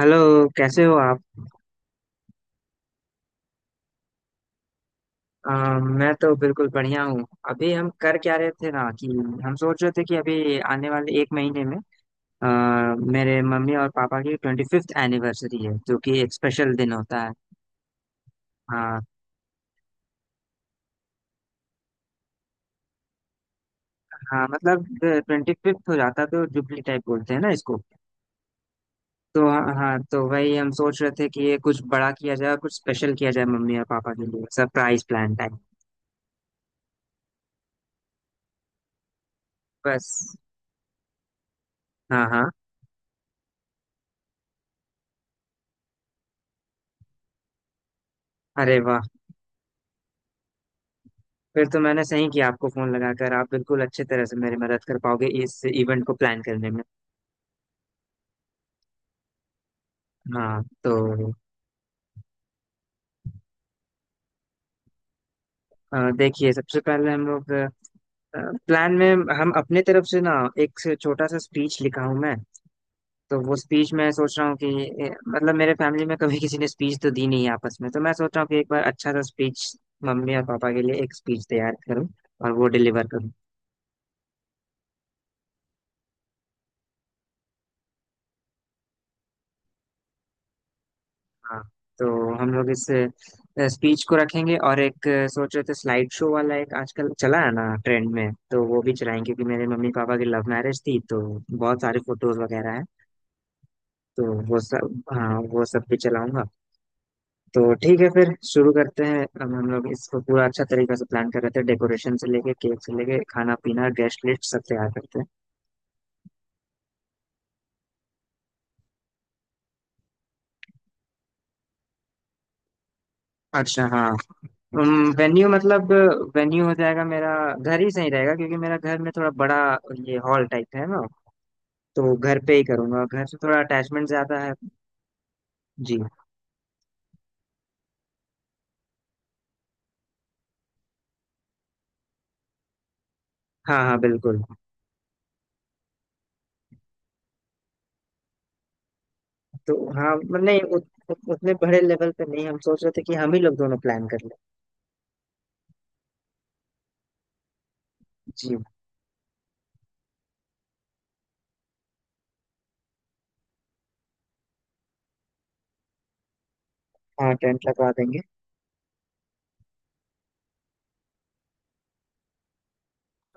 Hello. कैसे हो आप? अ, मैं तो बिल्कुल बढ़िया हूँ। अभी हम कर क्या रहे थे ना कि हम सोच रहे थे कि अभी आने वाले एक महीने में मेरे मम्मी और पापा की 25th एनिवर्सरी है, जो कि एक स्पेशल दिन होता है। हाँ। हाँ मतलब 25th हो जाता है तो जुबली टाइप बोलते हैं ना इसको। तो हाँ, हाँ, तो वही हम सोच रहे थे कि ये कुछ बड़ा किया जाए, कुछ स्पेशल किया जाए मम्मी और पापा के लिए, सरप्राइज प्लान टाइप। बस। हाँ, हाँ। अरे वाह! फिर तो मैंने सही किया आपको फोन लगाकर, आप बिल्कुल अच्छे तरह से मेरी मदद कर पाओगे इस इवेंट को प्लान करने में। हाँ तो देखिए सबसे पहले हम लोग प्लान में हम अपने तरफ से ना एक से छोटा सा स्पीच लिखा हूँ मैं। तो वो स्पीच मैं सोच रहा हूँ कि मतलब मेरे फैमिली में कभी किसी ने स्पीच तो दी नहीं है आपस में, तो मैं सोच रहा हूँ कि एक बार अच्छा सा स्पीच मम्मी और पापा के लिए एक स्पीच तैयार करूँ और वो डिलीवर करूँ। हाँ तो हम लोग इस स्पीच को रखेंगे और एक सोच रहे थे स्लाइड शो वाला एक आजकल चला है ना ट्रेंड में, तो वो भी चलाएंगे, क्योंकि मेरे मम्मी पापा की लव मैरिज थी तो बहुत सारे फोटोज वगैरह हैं। तो वो सब, हाँ, वो सब भी चलाऊंगा। तो ठीक है फिर शुरू करते हैं, अब हम लोग इसको पूरा अच्छा तरीके से प्लान कर रहे थे, डेकोरेशन से लेके केक से लेके खाना पीना गेस्ट लिस्ट सब तैयार करते हैं। अच्छा हाँ। वेन्यू मतलब वेन्यू हो जाएगा, मेरा घर ही सही रहेगा, क्योंकि मेरा घर में थोड़ा बड़ा ये हॉल टाइप है ना। तो घर पे ही करूंगा, घर से थोड़ा अटैचमेंट ज्यादा है। जी। हाँ हाँ बिल्कुल। तो हाँ मतलब नहीं उत, उत, उतने बड़े लेवल पे नहीं, हम सोच रहे थे कि हम ही लोग दोनों प्लान कर लें। जी। हाँ टेंट लगवा देंगे।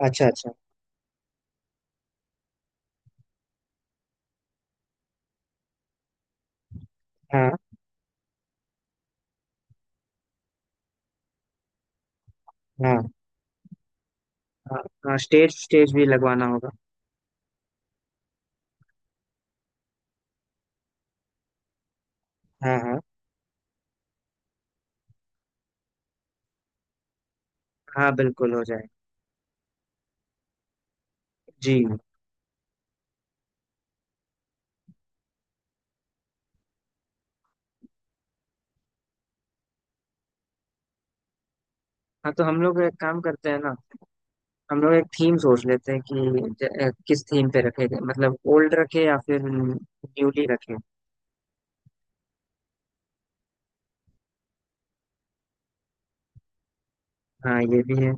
अच्छा अच्छा। हाँ। हाँ। हाँ। हाँ स्टेज स्टेज भी लगवाना होगा। हाँ हाँ। हाँ बिल्कुल हो जाएगा। जी। हाँ तो हम लोग एक काम करते हैं ना, हम लोग एक थीम सोच लेते हैं कि किस थीम पे रखे जाए, मतलब ओल्ड रखे या फिर न्यूली रखे। हाँ ये भी है।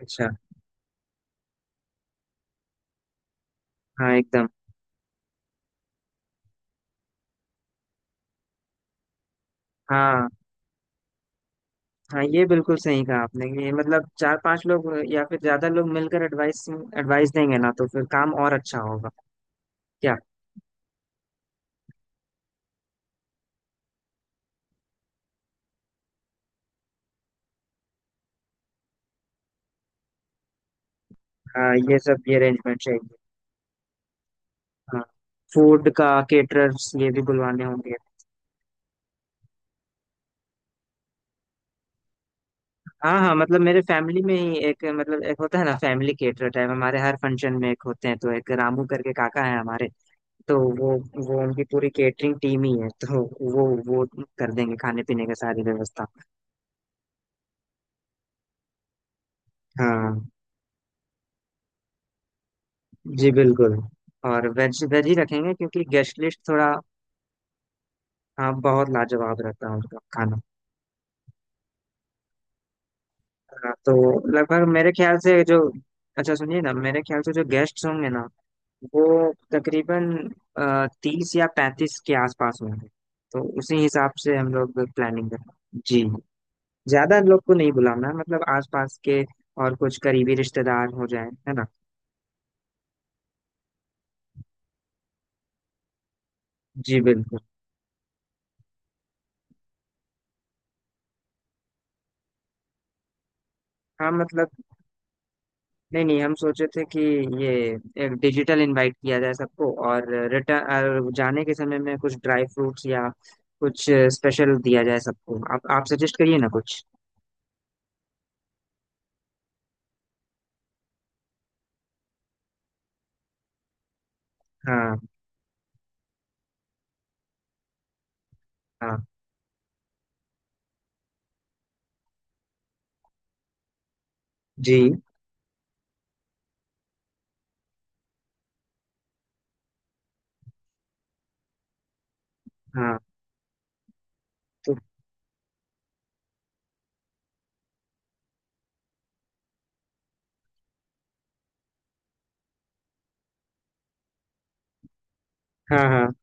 अच्छा। हाँ एकदम। हाँ हाँ, ये बिल्कुल सही कहा आपने कि ये मतलब 4-5 लोग या फिर ज्यादा लोग मिलकर एडवाइस, एडवाइस देंगे ना तो फिर काम और अच्छा होगा। क्या? हाँ ये सब, ये अरेंजमेंट चाहिए। हाँ। फूड का केटरर्स, ये भी बुलवाने होंगे। हाँ हाँ मतलब मेरे फैमिली में ही एक, मतलब एक होता है ना फैमिली केटरर टाइप, हमारे हर फंक्शन में एक होते हैं, तो एक रामू करके काका है हमारे। तो वो उनकी पूरी केटरिंग टीम ही है, तो वो कर देंगे खाने पीने का सारी व्यवस्था। हाँ। जी बिल्कुल। और वेज वेज ही रखेंगे, क्योंकि गेस्ट लिस्ट थोड़ा। हाँ बहुत लाजवाब रहता है उनका खाना। हाँ, तो लगभग मेरे ख्याल से जो, अच्छा सुनिए ना, मेरे ख्याल से जो गेस्ट होंगे ना वो तकरीबन 30 या 35 के आसपास होंगे। तो उसी हिसाब से हम लोग प्लानिंग करें जी। ज्यादा लोग को नहीं बुलाना है, मतलब आसपास के और कुछ करीबी रिश्तेदार हो जाए, है ना। जी बिल्कुल। हाँ मतलब नहीं नहीं, हम सोचे थे कि ये एक डिजिटल इनवाइट किया जाए सबको, और रिटर्न जाने के समय में कुछ ड्राई फ्रूट्स या कुछ स्पेशल दिया जाए सबको। आप सजेस्ट करिए ना कुछ। हाँ। हाँ। जी। हाँ तो। हाँ। हाँ।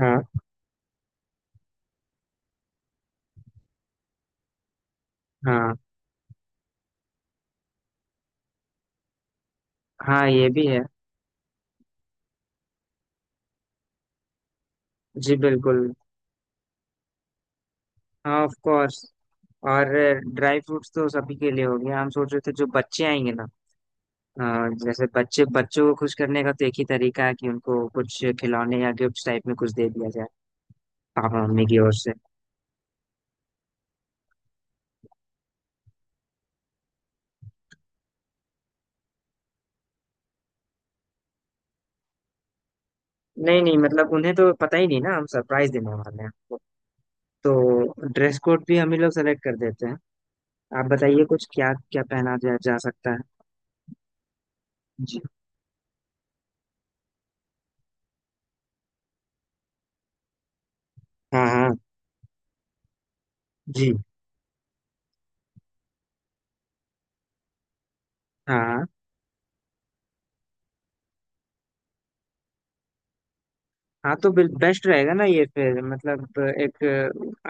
हाँ। हाँ। हाँ ये भी है। जी बिल्कुल। हाँ ऑफ कोर्स। और ड्राई फ्रूट्स तो सभी के लिए हो गया, हम सोच रहे थे जो बच्चे आएंगे ना, हाँ, जैसे बच्चे, बच्चों को खुश करने का तो एक ही तरीका है कि उनको कुछ खिलौने या गिफ्ट टाइप में कुछ दे दिया जाए पापा मम्मी की ओर से। नहीं नहीं मतलब उन्हें तो पता ही नहीं ना, हम सरप्राइज देने वाले हैं आपको। तो ड्रेस कोड भी हम ही लोग सेलेक्ट कर देते हैं। आप बताइए कुछ क्या क्या पहना जा सकता है। जी। हाँ। हाँ। जी। हाँ। हाँ। हाँ तो बेस्ट रहेगा ना ये फिर मतलब एक।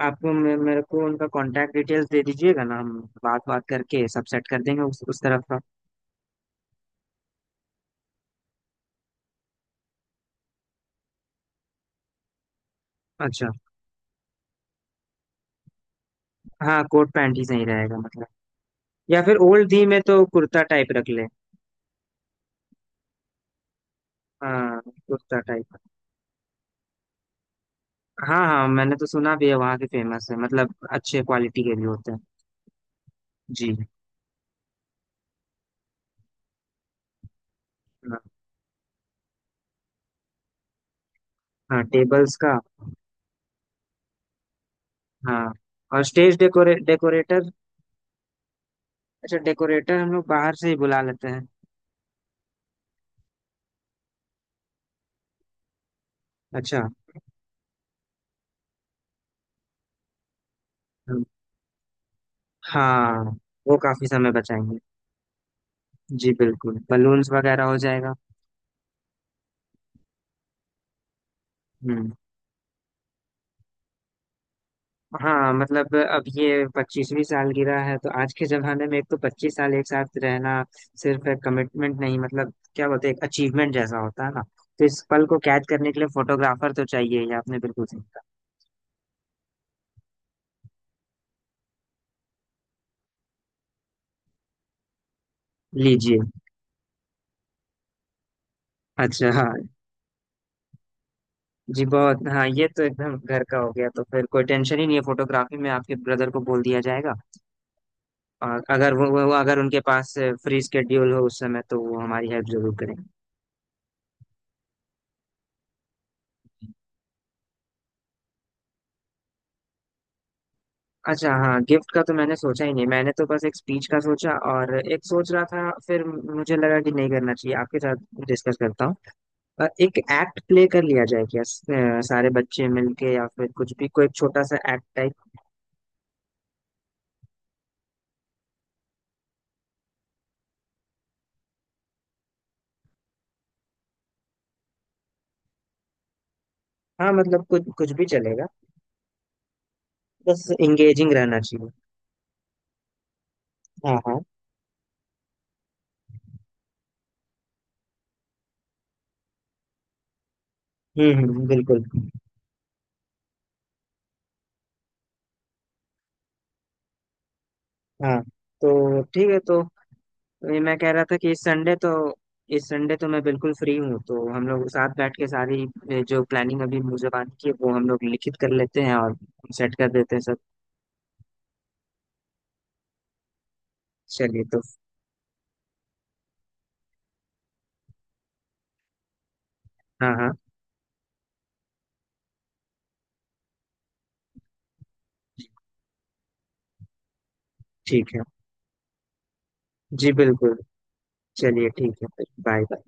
आप मेरे को उनका कांटेक्ट डिटेल्स दे दीजिएगा ना, हम बात बात करके सब सेट कर देंगे उस तरफ का। अच्छा। हाँ कोट पैंट ही सही रहेगा मतलब, या फिर ओल्ड दी में तो कुर्ता टाइप रख ले। हाँ कुर्ता टाइप। हाँ हाँ मैंने तो सुना भी है, वहाँ के फेमस है, मतलब अच्छे क्वालिटी के भी होते हैं। जी। हाँ। हाँ टेबल्स का। हाँ और स्टेज डेकोरेटर। अच्छा, डेकोरेटर हम लोग बाहर से ही बुला लेते हैं। अच्छा। हम्म, हाँ वो काफी समय बचाएंगे। जी बिल्कुल, बलून्स वगैरह हो जाएगा। हम्म हाँ मतलब अब ये 25वीं सालगिरह है, तो आज के जमाने में एक तो 25 साल एक साथ रहना सिर्फ एक कमिटमेंट नहीं, मतलब क्या बोलते हैं, एक अचीवमेंट जैसा होता है ना। तो इस पल को कैद करने के लिए फोटोग्राफर तो चाहिए ही, आपने बिल्कुल सही कहा। लीजिए। अच्छा हाँ। जी बहुत। हाँ ये तो एकदम घर का हो गया, तो फिर कोई टेंशन ही नहीं है, फोटोग्राफी में आपके ब्रदर को बोल दिया जाएगा। और अगर अगर उनके पास फ्री स्केड्यूल हो उस समय तो वो हमारी हेल्प जरूर करेंगे। अच्छा हाँ, गिफ्ट का तो मैंने सोचा ही नहीं, मैंने तो बस एक स्पीच का सोचा, और एक सोच रहा था फिर मुझे लगा कि नहीं, करना चाहिए आपके साथ डिस्कस करता हूँ। एक एक्ट प्ले कर लिया जाए, क्या सारे बच्चे मिलके या फिर कुछ भी कोई छोटा सा एक्ट टाइप। हाँ मतलब कुछ कुछ भी चलेगा, बस इंगेजिंग रहना चाहिए। हाँ हाँ। बिल्कुल। हाँ तो ठीक है तो ये मैं कह रहा था कि इस संडे तो मैं बिल्कुल फ्री हूँ, तो हम लोग साथ बैठ के सारी जो प्लानिंग अभी मुझे बात की है वो हम लोग लिखित कर लेते हैं और सेट कर देते हैं सब। चलिए तो। हाँ हाँ। ठीक है। जी बिल्कुल। चलिए ठीक है, फिर बाय बाय।